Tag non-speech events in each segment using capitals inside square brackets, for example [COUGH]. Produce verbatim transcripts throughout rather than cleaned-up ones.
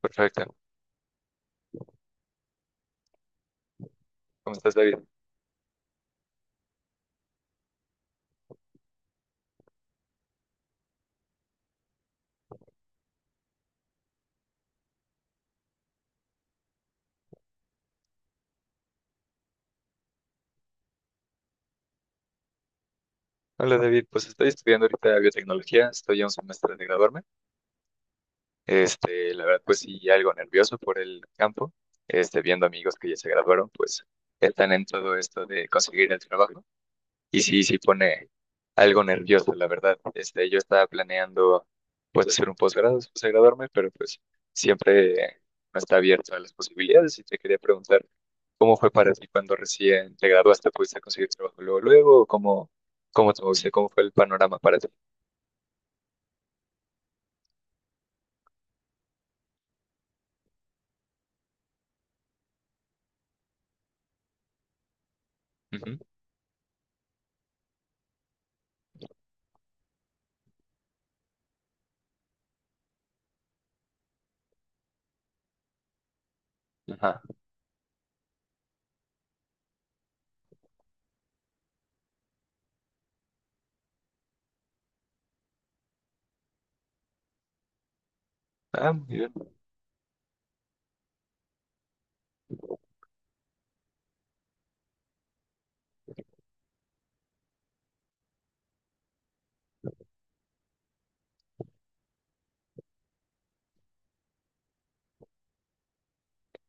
Perfecto. ¿Cómo estás, David? Hola, David. Pues estoy estudiando ahorita biotecnología, estoy a un semestre de graduarme. Este, la verdad, pues sí, algo nervioso por el campo, este, viendo amigos que ya se graduaron, pues están en todo esto de conseguir el trabajo. Y sí, sí pone algo nervioso, la verdad. Este, yo estaba planeando pues hacer un posgrado después de graduarme, pero pues siempre no está abierto a las posibilidades y te quería preguntar cómo fue para ti cuando recién te graduaste, ¿pudiste conseguir trabajo luego, luego, o cómo, cómo te moviste, cómo fue el panorama para ti? Ujú. Ajá. Ah, muy bien.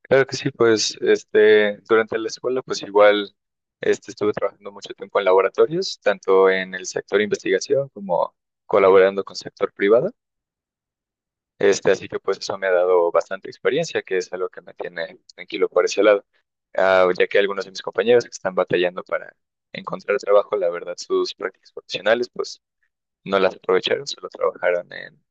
Claro que sí, pues este, durante la escuela pues igual este, estuve trabajando mucho tiempo en laboratorios, tanto en el sector investigación como colaborando con sector privado. Este, así que pues eso me ha dado bastante experiencia, que es algo que me tiene tranquilo por ese lado. Ah, ya que algunos de mis compañeros que están batallando para encontrar trabajo, la verdad, sus prácticas profesionales, pues no las aprovecharon, solo trabajaron en,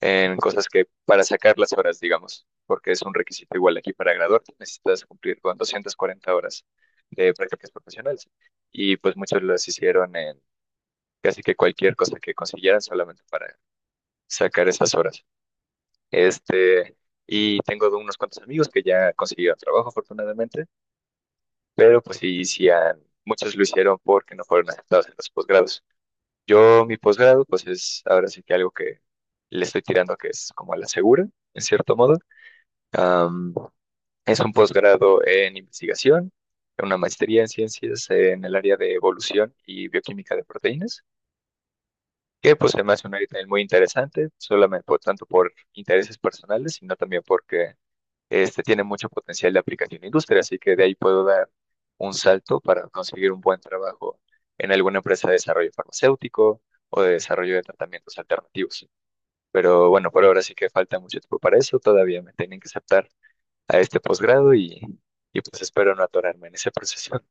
en cosas que para sacar las horas, digamos, porque es un requisito igual aquí para graduarte, necesitas cumplir con doscientas cuarenta horas de prácticas profesionales. Y pues muchos las hicieron en casi que cualquier cosa que consiguieran solamente para sacar esas horas. Este, y tengo unos cuantos amigos que ya consiguieron trabajo, afortunadamente, pero pues sí, sí han- muchos lo hicieron porque no fueron aceptados en los posgrados. Yo, mi posgrado, pues es ahora sí que algo que le estoy tirando que es como a la segura, en cierto modo. Am, es un posgrado en investigación, una maestría en ciencias en el área de evolución y bioquímica de proteínas, que pues se me hace un área también muy interesante, solamente por tanto por intereses personales, sino también porque este tiene mucho potencial de aplicación en la industria, así que de ahí puedo dar un salto para conseguir un buen trabajo en alguna empresa de desarrollo farmacéutico o de desarrollo de tratamientos alternativos. Pero bueno, por ahora sí que falta mucho tiempo para eso, todavía me tienen que aceptar a este posgrado y, y pues espero no atorarme en ese proceso.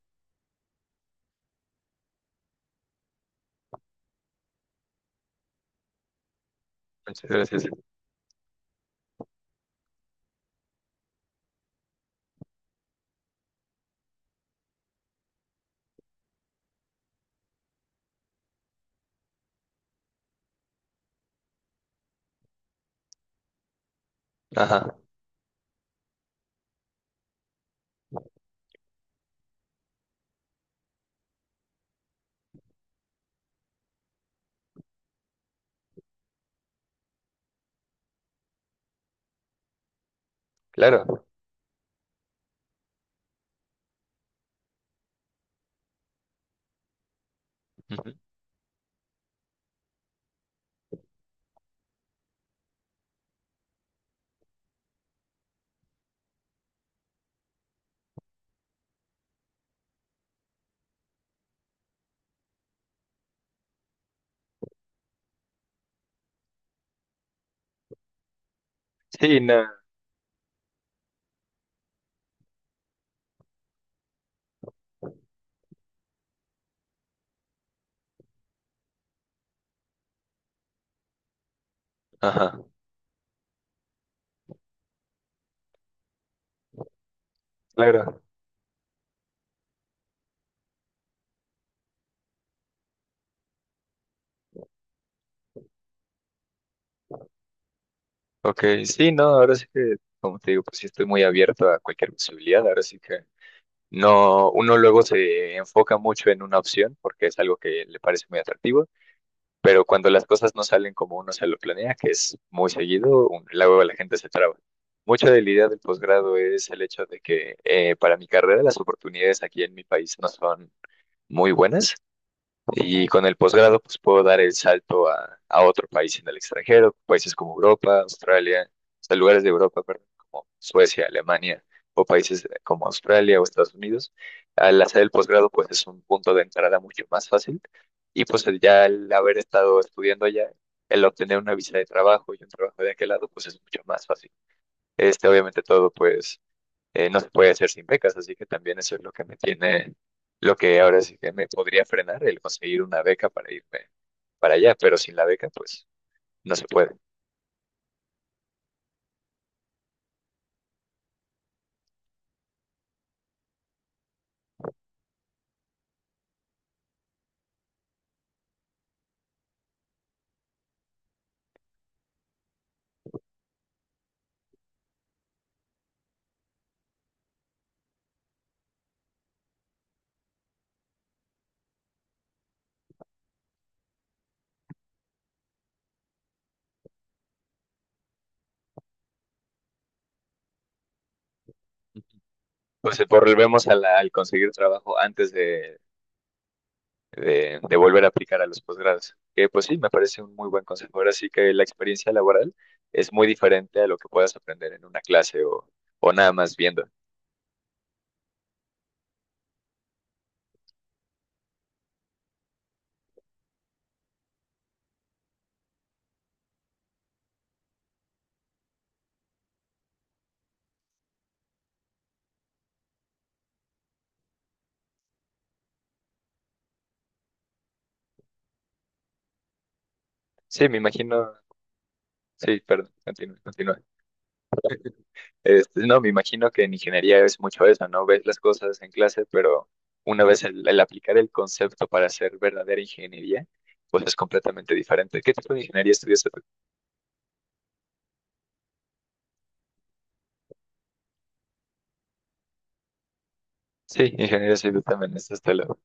[LAUGHS] Muchas gracias. Ajá, claro. Ujú. Sí, no. Ajá, claro. Ok, sí, no, ahora sí que, como te digo, pues sí estoy muy abierto a cualquier posibilidad, ahora sí que. No, uno luego se enfoca mucho en una opción porque es algo que le parece muy atractivo, pero cuando las cosas no salen como uno se lo planea, que es muy seguido, un- luego la gente se traba. Mucha de la idea del posgrado es el hecho de que eh, para mi carrera las oportunidades aquí en mi país no son muy buenas. Y con el posgrado, pues puedo dar el salto a, a otro país en el extranjero, países como Europa, Australia, o sea, lugares de Europa, perdón, como Suecia, Alemania, o países como Australia o Estados Unidos. Al hacer el posgrado, pues es un punto de entrada mucho más fácil. Y pues el- ya al haber estado estudiando allá, el obtener una visa de trabajo y un trabajo de aquel lado, pues es mucho más fácil. Este, obviamente todo, pues eh, no se puede hacer sin becas, así que también eso es lo que me tiene, lo que ahora sí que me podría frenar, el conseguir una beca para irme para allá, pero sin la beca, pues no se puede. Entonces volvemos a la- al conseguir trabajo antes de, de, de volver a aplicar a los posgrados, que pues sí, me parece un muy buen consejo. Ahora sí que la experiencia laboral es muy diferente a lo que puedas aprender en una clase o, o nada más viendo. Sí, me imagino. Sí, perdón, continúa, continúa. Este, no, me imagino que en ingeniería es mucho eso, ¿no? Ves las cosas en clase, pero una vez el, el aplicar el concepto para hacer verdadera ingeniería, pues es completamente diferente. ¿Qué tipo de ingeniería estudiaste tú? Sí, ingeniería civil también, es hasta luego.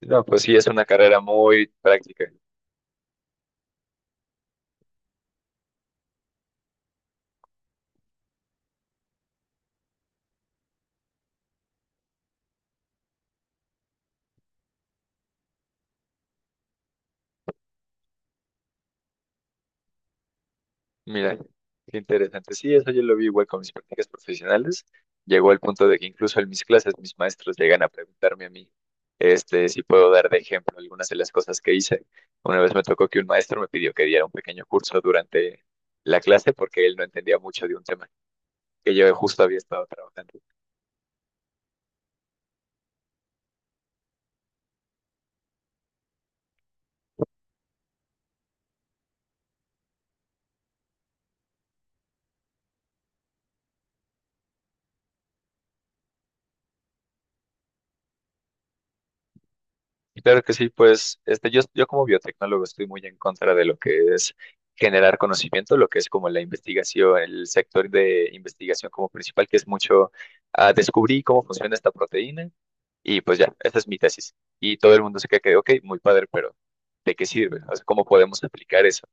No, pues sí, es una carrera muy práctica. Mira, qué interesante. Sí, eso yo lo vi igual con mis prácticas profesionales. Llegó al punto de que incluso en mis clases mis maestros llegan a preguntarme a mí, este, si puedo dar de ejemplo algunas de las cosas que hice. Una vez me tocó que un maestro me pidió que diera un pequeño curso durante la clase porque él no entendía mucho de un tema que yo justo había estado trabajando. Claro que sí, pues este, yo, yo como biotecnólogo estoy muy en contra de lo que es generar conocimiento, lo que es como la investigación, el sector de investigación como principal, que es mucho ah, descubrí cómo funciona esta proteína y pues ya, esta es mi tesis. Y todo el mundo se queda que, ok, muy padre, pero ¿de qué sirve? O sea, ¿cómo podemos aplicar eso?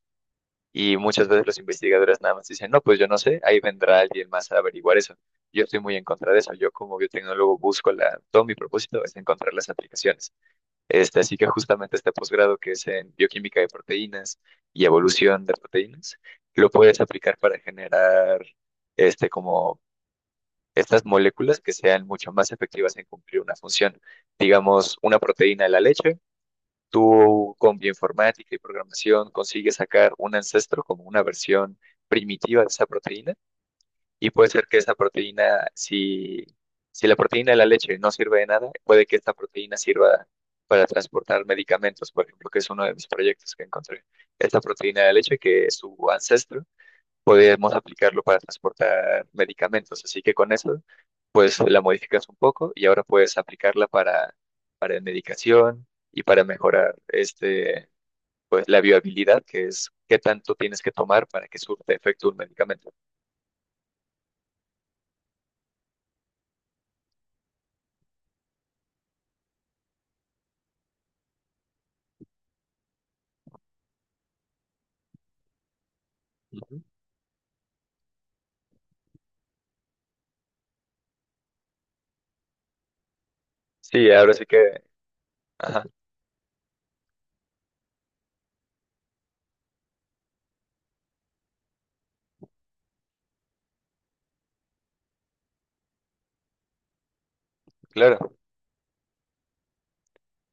Y muchas veces los investigadores nada más dicen, no, pues yo no sé, ahí vendrá alguien más a averiguar eso. Yo estoy muy en contra de eso. Yo como biotecnólogo busco la, todo mi propósito es encontrar las aplicaciones. Este, así que justamente este posgrado que es en bioquímica de proteínas y evolución de proteínas, lo puedes aplicar para generar este como estas moléculas que sean mucho más efectivas en cumplir una función. Digamos, una proteína de la leche, tú con bioinformática y programación consigues sacar un ancestro como una versión primitiva de esa proteína y puede ser que esa proteína, si, si la proteína de la leche no sirve de nada, puede que esta proteína sirva para transportar medicamentos, por ejemplo, que es uno de mis proyectos que encontré. Esta proteína de leche, que es su ancestro, podemos aplicarlo para transportar medicamentos. Así que con eso, pues la modificas un poco y ahora puedes aplicarla para, para medicación y para mejorar este, pues la viabilidad, que es qué tanto tienes que tomar para que surte efecto un medicamento. Ujú. Sí, ahora sí que. Ajá, claro.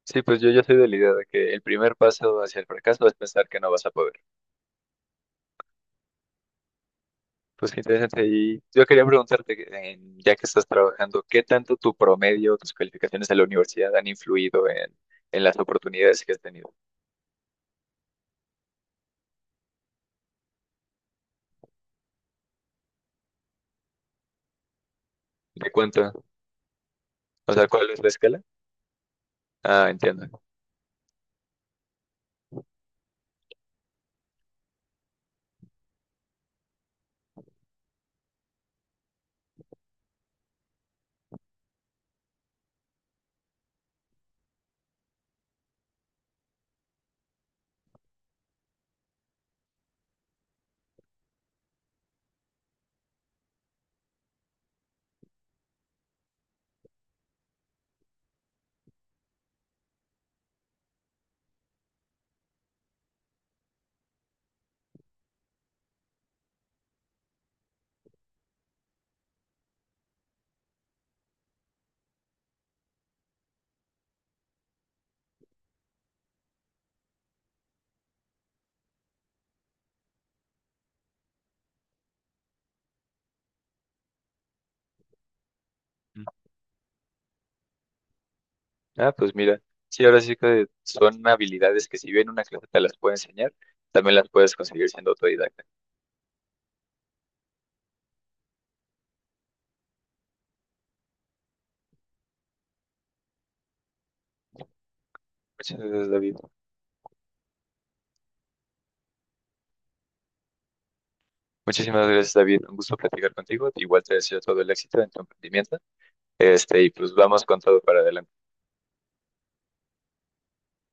Sí, pues yo ya soy de la idea de que el primer paso hacia el fracaso es pensar que no vas a poder. Pues qué interesante. Y yo quería preguntarte, que, en- ya que estás trabajando, ¿qué tanto tu promedio, tus calificaciones en la universidad han influido en, en las oportunidades que has tenido? ¿De cuánto? O sea, ¿cuál es la escala? Ah, entiendo. Mm. Ah, pues mira, sí, ahora sí que son habilidades que si bien una clase te las puede enseñar, también las puedes conseguir siendo autodidacta. Muchas gracias, David. Muchísimas gracias, David. Un gusto platicar contigo. Igual te deseo todo el éxito en tu emprendimiento. Este, y pues vamos con todo para adelante.